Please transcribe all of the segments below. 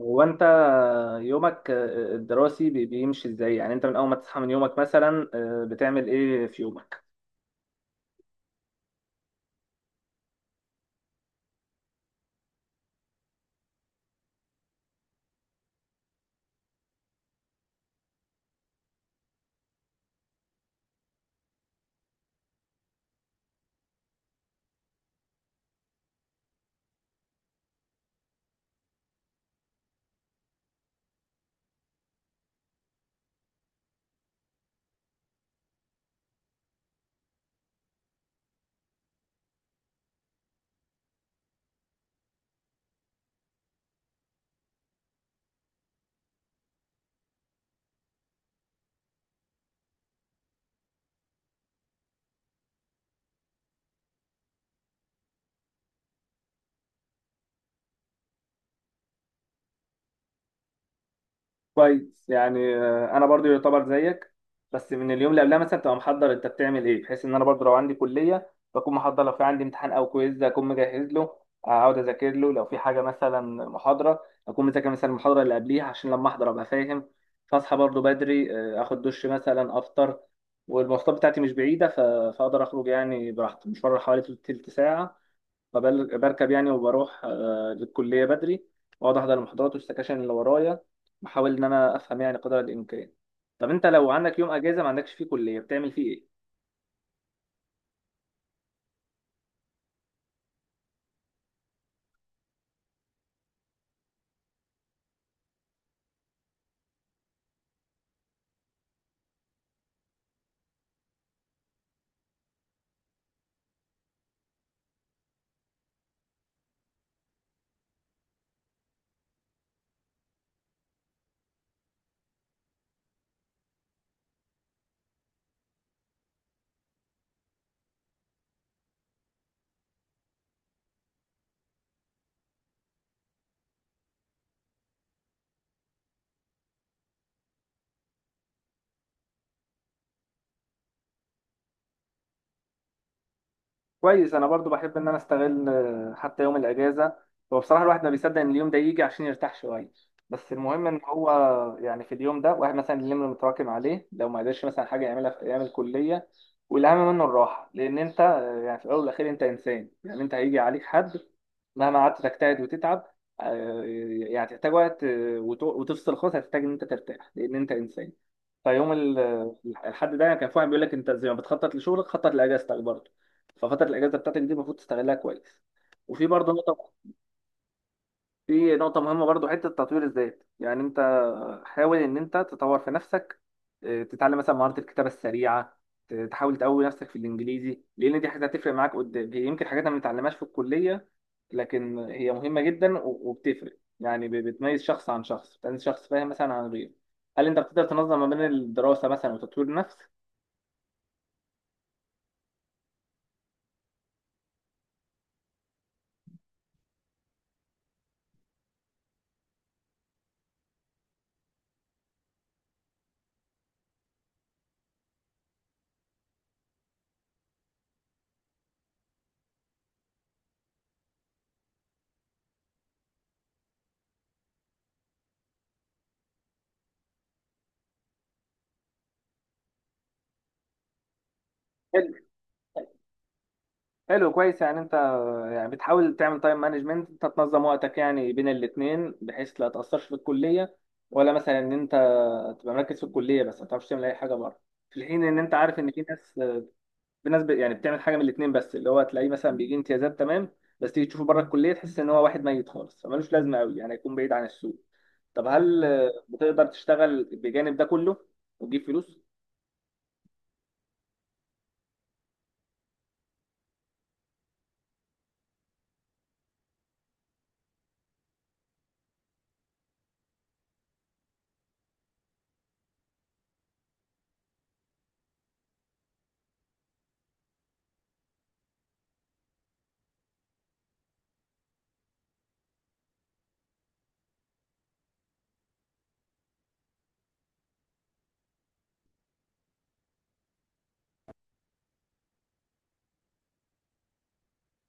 هو انت يومك الدراسي بيمشي ازاي؟ يعني انت من اول ما تصحى من يومك مثلا بتعمل ايه في يومك؟ كويس، يعني انا برضو يعتبر زيك، بس من اليوم اللي قبلها مثلا تبقى محضر، انت بتعمل ايه بحيث ان انا برضو لو عندي كليه بكون محضر؟ لو في عندي امتحان او كويز اكون مجهز له، اقعد اذاكر له. لو في حاجه مثلا محاضره اكون مذاكر مثلا المحاضره اللي قبليها عشان لما احضر ابقى فاهم. فاصحى برضو بدري، اخد دش مثلا، افطر، والمواصلات بتاعتي مش بعيده، فاقدر اخرج يعني براحتي، مشوار حوالي تلت ساعه. بركب يعني وبروح للكلية بدري، وأقعد أحضر المحاضرات والسكاشن اللي ورايا، بحاول إن أنا أفهم يعني قدر الإمكان. طب أنت لو عندك يوم أجازة ما عندكش فيه كلية بتعمل فيه إيه؟ كويس، انا برضو بحب ان انا استغل حتى يوم الاجازه. هو بصراحه الواحد ما بيصدق ان اليوم ده يجي عشان يرتاح شويه، بس المهم ان هو يعني في اليوم ده واحد مثلا اليوم اللي متراكم عليه لو ما قدرش مثلا حاجه يعملها في ايام الكليه. والاهم منه الراحه، لان انت يعني في الاول والاخير انت انسان. يعني انت هيجي عليك حد مهما قعدت تجتهد وتتعب، آه، يعني تحتاج وقت، وتفصل خالص. هتحتاج ان انت ترتاح لان انت انسان. فيوم ال- الحد ده، يعني كان في واحد بيقول لك انت زي ما بتخطط لشغلك خطط لاجازتك برضه. ففتره الاجازه بتاعتك دي المفروض تستغلها كويس. وفي برضه نقطه، في نقطه مهمه برضه، حته تطوير الذات، يعني انت حاول ان انت تطور في نفسك. تتعلم مثلا مهاره الكتابه السريعه، تحاول تقوي نفسك في الانجليزي، لان دي حاجه هتفرق معاك قدام. هي يمكن حاجات ما بنتعلمهاش في الكليه، لكن هي مهمه جدا وبتفرق، يعني بتميز شخص عن شخص، بتميز شخص فاهم مثلا عن غيره. هل انت بتقدر تنظم ما بين الدراسه مثلا وتطوير النفس؟ حلو، كويس، يعني انت يعني بتحاول تعمل تايم مانجمنت، انت تنظم وقتك يعني بين الاتنين بحيث لا تأثرش في الكلية، ولا مثلا ان انت تبقى مركز في الكلية بس ما تعرفش تعمل اي حاجة بره. في الحين ان انت عارف ان في ناس، في ناس يعني بتعمل حاجة من الاتنين بس اللي هو تلاقيه مثلا بيجي امتيازات تمام، بس تيجي تشوفه بره الكلية تحس ان هو واحد ميت خالص فمالوش لازمة قوي، يعني هيكون بعيد عن السوق. طب هل بتقدر تشتغل بجانب ده كله وتجيب فلوس؟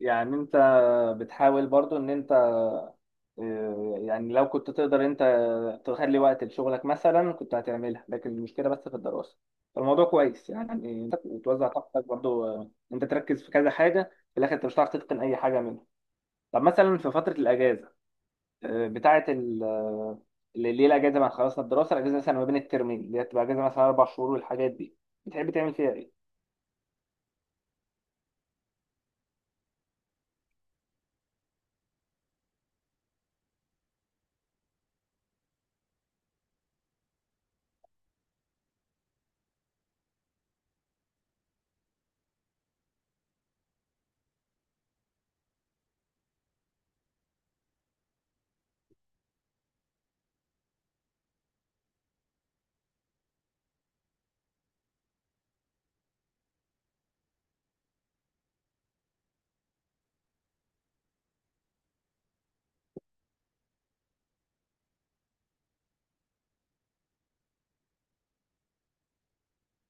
يعني انت بتحاول برضو ان انت يعني لو كنت تقدر انت تخلي وقت لشغلك مثلا كنت هتعملها، لكن المشكله بس في الدراسه. فالموضوع كويس يعني، وتوزع طاقتك برضو. انت تركز في كذا حاجه في الاخر انت مش هتعرف تتقن اي حاجه منهم. طب مثلا في فتره الاجازه، آه، بتاعه ال آه، اللي اللي هي الاجازه بعد خلصنا الدراسه، الاجازه مثلا ما بين الترمين اللي هي بتبقى اجازه مثلا اربع شهور والحاجات دي، بتحب تعمل فيها ايه؟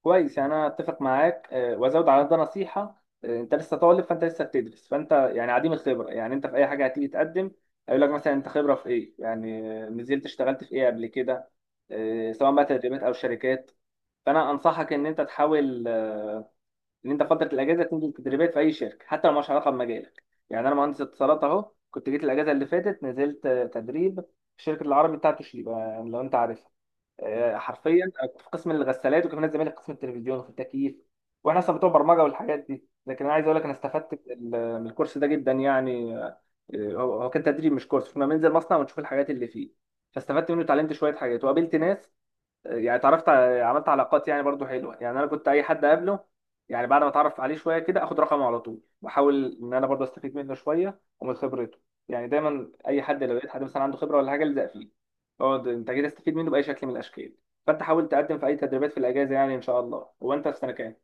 كويس، يعني انا اتفق معاك. وازود على ده نصيحه: انت لسه طالب، فانت لسه بتدرس، فانت يعني عديم الخبره. يعني انت في اي حاجه هتيجي تقدم هيقول لك مثلا انت خبره في ايه، يعني نزلت اشتغلت في ايه قبل كده، سواء بقى تدريبات او شركات. فانا انصحك ان انت تحاول ان انت فتره الاجازه تنزل تدريبات في اي شركه حتى لو مالهاش علاقه بمجالك. يعني انا مهندس اتصالات اهو، كنت جيت الاجازه اللي فاتت نزلت تدريب في شركه العربي بتاعت توشيبا، يعني لو انت عارفها. حرفيا كنت في قسم الغسالات، وكمان زمايلي في قسم التلفزيون وفي التكييف، واحنا اصلا بتوع برمجه والحاجات دي. لكن انا عايز اقول لك انا استفدت من الكورس ده جدا، يعني آه، هو هو كان تدريب مش كورس، كنا بننزل مصنع ونشوف الحاجات اللي فيه. فاستفدت منه، اتعلمت شويه حاجات، وقابلت ناس، يعني عملت علاقات يعني برضو حلوه. يعني انا كنت اي حد اقابله يعني بعد ما اتعرف عليه شويه كده اخد رقمه على طول، واحاول ان انا برضو استفيد منه شويه ومن خبرته. يعني دايما اي حد لو لقيت حد مثلا عنده خبره ولا حاجه الزق فيه، اقعد انت جاي تستفيد منه باي شكل من الاشكال. فانت حاول تقدم في اي تدريبات في الاجازه يعني ان شاء الله. هو انت في سنه كام؟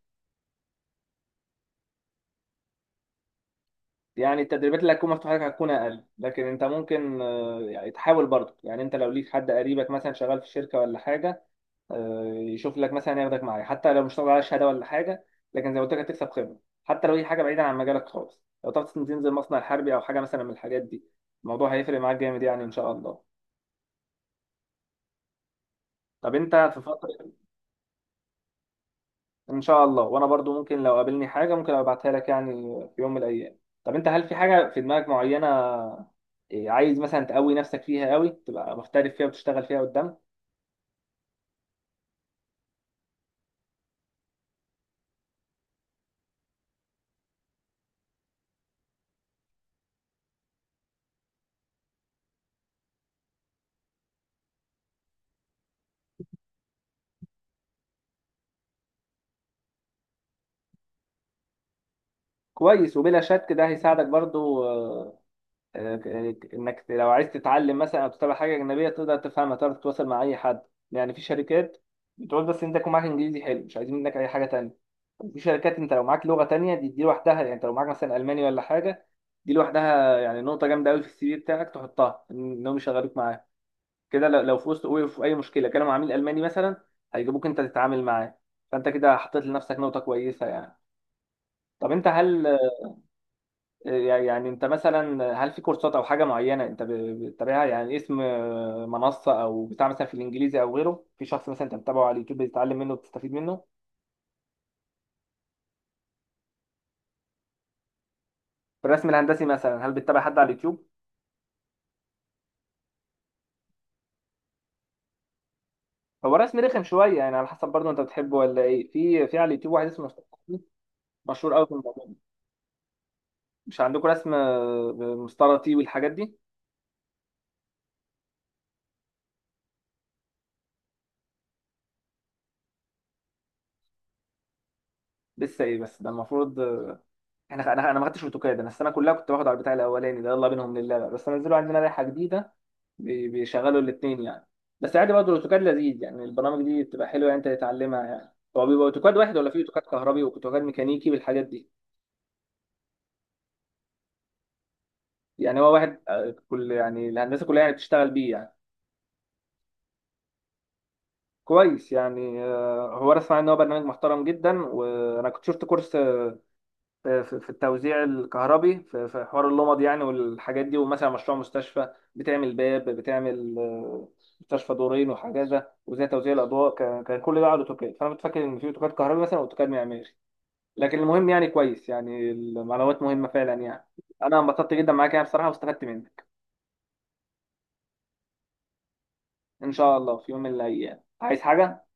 يعني التدريبات اللي هتكون مفتوحه لك هتكون اقل، لكن انت ممكن يعني تحاول برضو. يعني انت لو ليك حد قريبك مثلا شغال في شركه ولا حاجه، يشوف لك مثلا، ياخدك معاه، حتى لو مش طالع على شهاده ولا حاجه، لكن زي ما قلت لك هتكسب خبره. حتى لو هي حاجه بعيده عن مجالك خالص، لو تعرف تنزل مصنع حربي او حاجه مثلا من الحاجات دي الموضوع هيفرق معاك جامد يعني ان شاء الله. طب انت في فتره. ان شاء الله، وانا برضو ممكن لو قابلني حاجه ممكن ابعتها لك يعني في يوم من الايام. طب انت هل في حاجه في دماغك معينه، إيه، عايز مثلا تقوي نفسك فيها قوي تبقى محترف فيها وتشتغل فيها قدام؟ كويس، وبلا شك ده هيساعدك برضو. آه، انك لو عايز تتعلم مثلا او تتابع حاجه اجنبيه تقدر تفهمها، تقدر تتواصل مع اي حد. يعني في شركات بتقول بس انت يكون معاك انجليزي حلو مش عايزين منك اي حاجه تانية. في شركات انت لو معاك لغه تانية، دي دي لوحدها، يعني انت لو معاك مثلا الماني ولا حاجه دي لوحدها يعني نقطه جامده قوي في السي في بتاعك تحطها، انهم يشغلوك معاه كده. لو لو في وسط وقف في اي مشكله كانوا مع عميل الماني مثلا هيجيبوك انت تتعامل معاه. فانت كده حطيت لنفسك نقطه كويسه يعني. طب انت هل يعني انت مثلا هل في كورسات او حاجه معينه انت بتتابعها، يعني اسم منصه او بتاع مثلا في الانجليزي او غيره، في شخص مثلا انت بتتابعه على اليوتيوب بتتعلم منه وبتستفيد منه؟ في الرسم الهندسي مثلا هل بتتابع حد على اليوتيوب؟ هو الرسم رخم شويه يعني، على حسب برضه انت بتحبه ولا ايه. في في على اليوتيوب واحد اسمه مصطفى خاطر، مشهور قوي في الموضوع ده. مش عندكم رسم مستطيل والحاجات دي؟ لسه ايه؟ بس ده المفروض. انا ما خدتش اوتوكاد، انا السنه كلها كنت باخد على البتاع الاولاني ده، يلا بينهم لله بقى. بس نزلوا عندنا لائحه جديده بيشغلوا الاثنين يعني. بس عادي برضه الاوتوكاد لذيذ يعني، البرامج دي بتبقى حلوه يعني انت تتعلمها. يعني هو بيبقى اوتوكاد واحد، ولا في اوتوكاد كهربي واوتوكاد ميكانيكي بالحاجات دي؟ يعني هو واحد، كل يعني الهندسه كلها يعني بتشتغل بيه يعني. كويس يعني. هو انا اسمع ان هو برنامج محترم جدا، وانا كنت شفت كورس في التوزيع الكهربي في حوار اللمض يعني والحاجات دي، ومثلا مشروع مستشفى، بتعمل باب، بتعمل مستشفى دورين وحاجازه وزي توزيع الاضواء، كان كل ده على اوتوكاد. فانا كنت فاكر ان في اوتوكاد كهربي مثلا واوتوكاد معماري. لكن المهم يعني كويس، يعني المعلومات مهمه فعلا يعني. انا انبسطت جدا معاك يعني بصراحه، واستفدت منك. ان شاء الله في يوم من الايام عايز حاجه.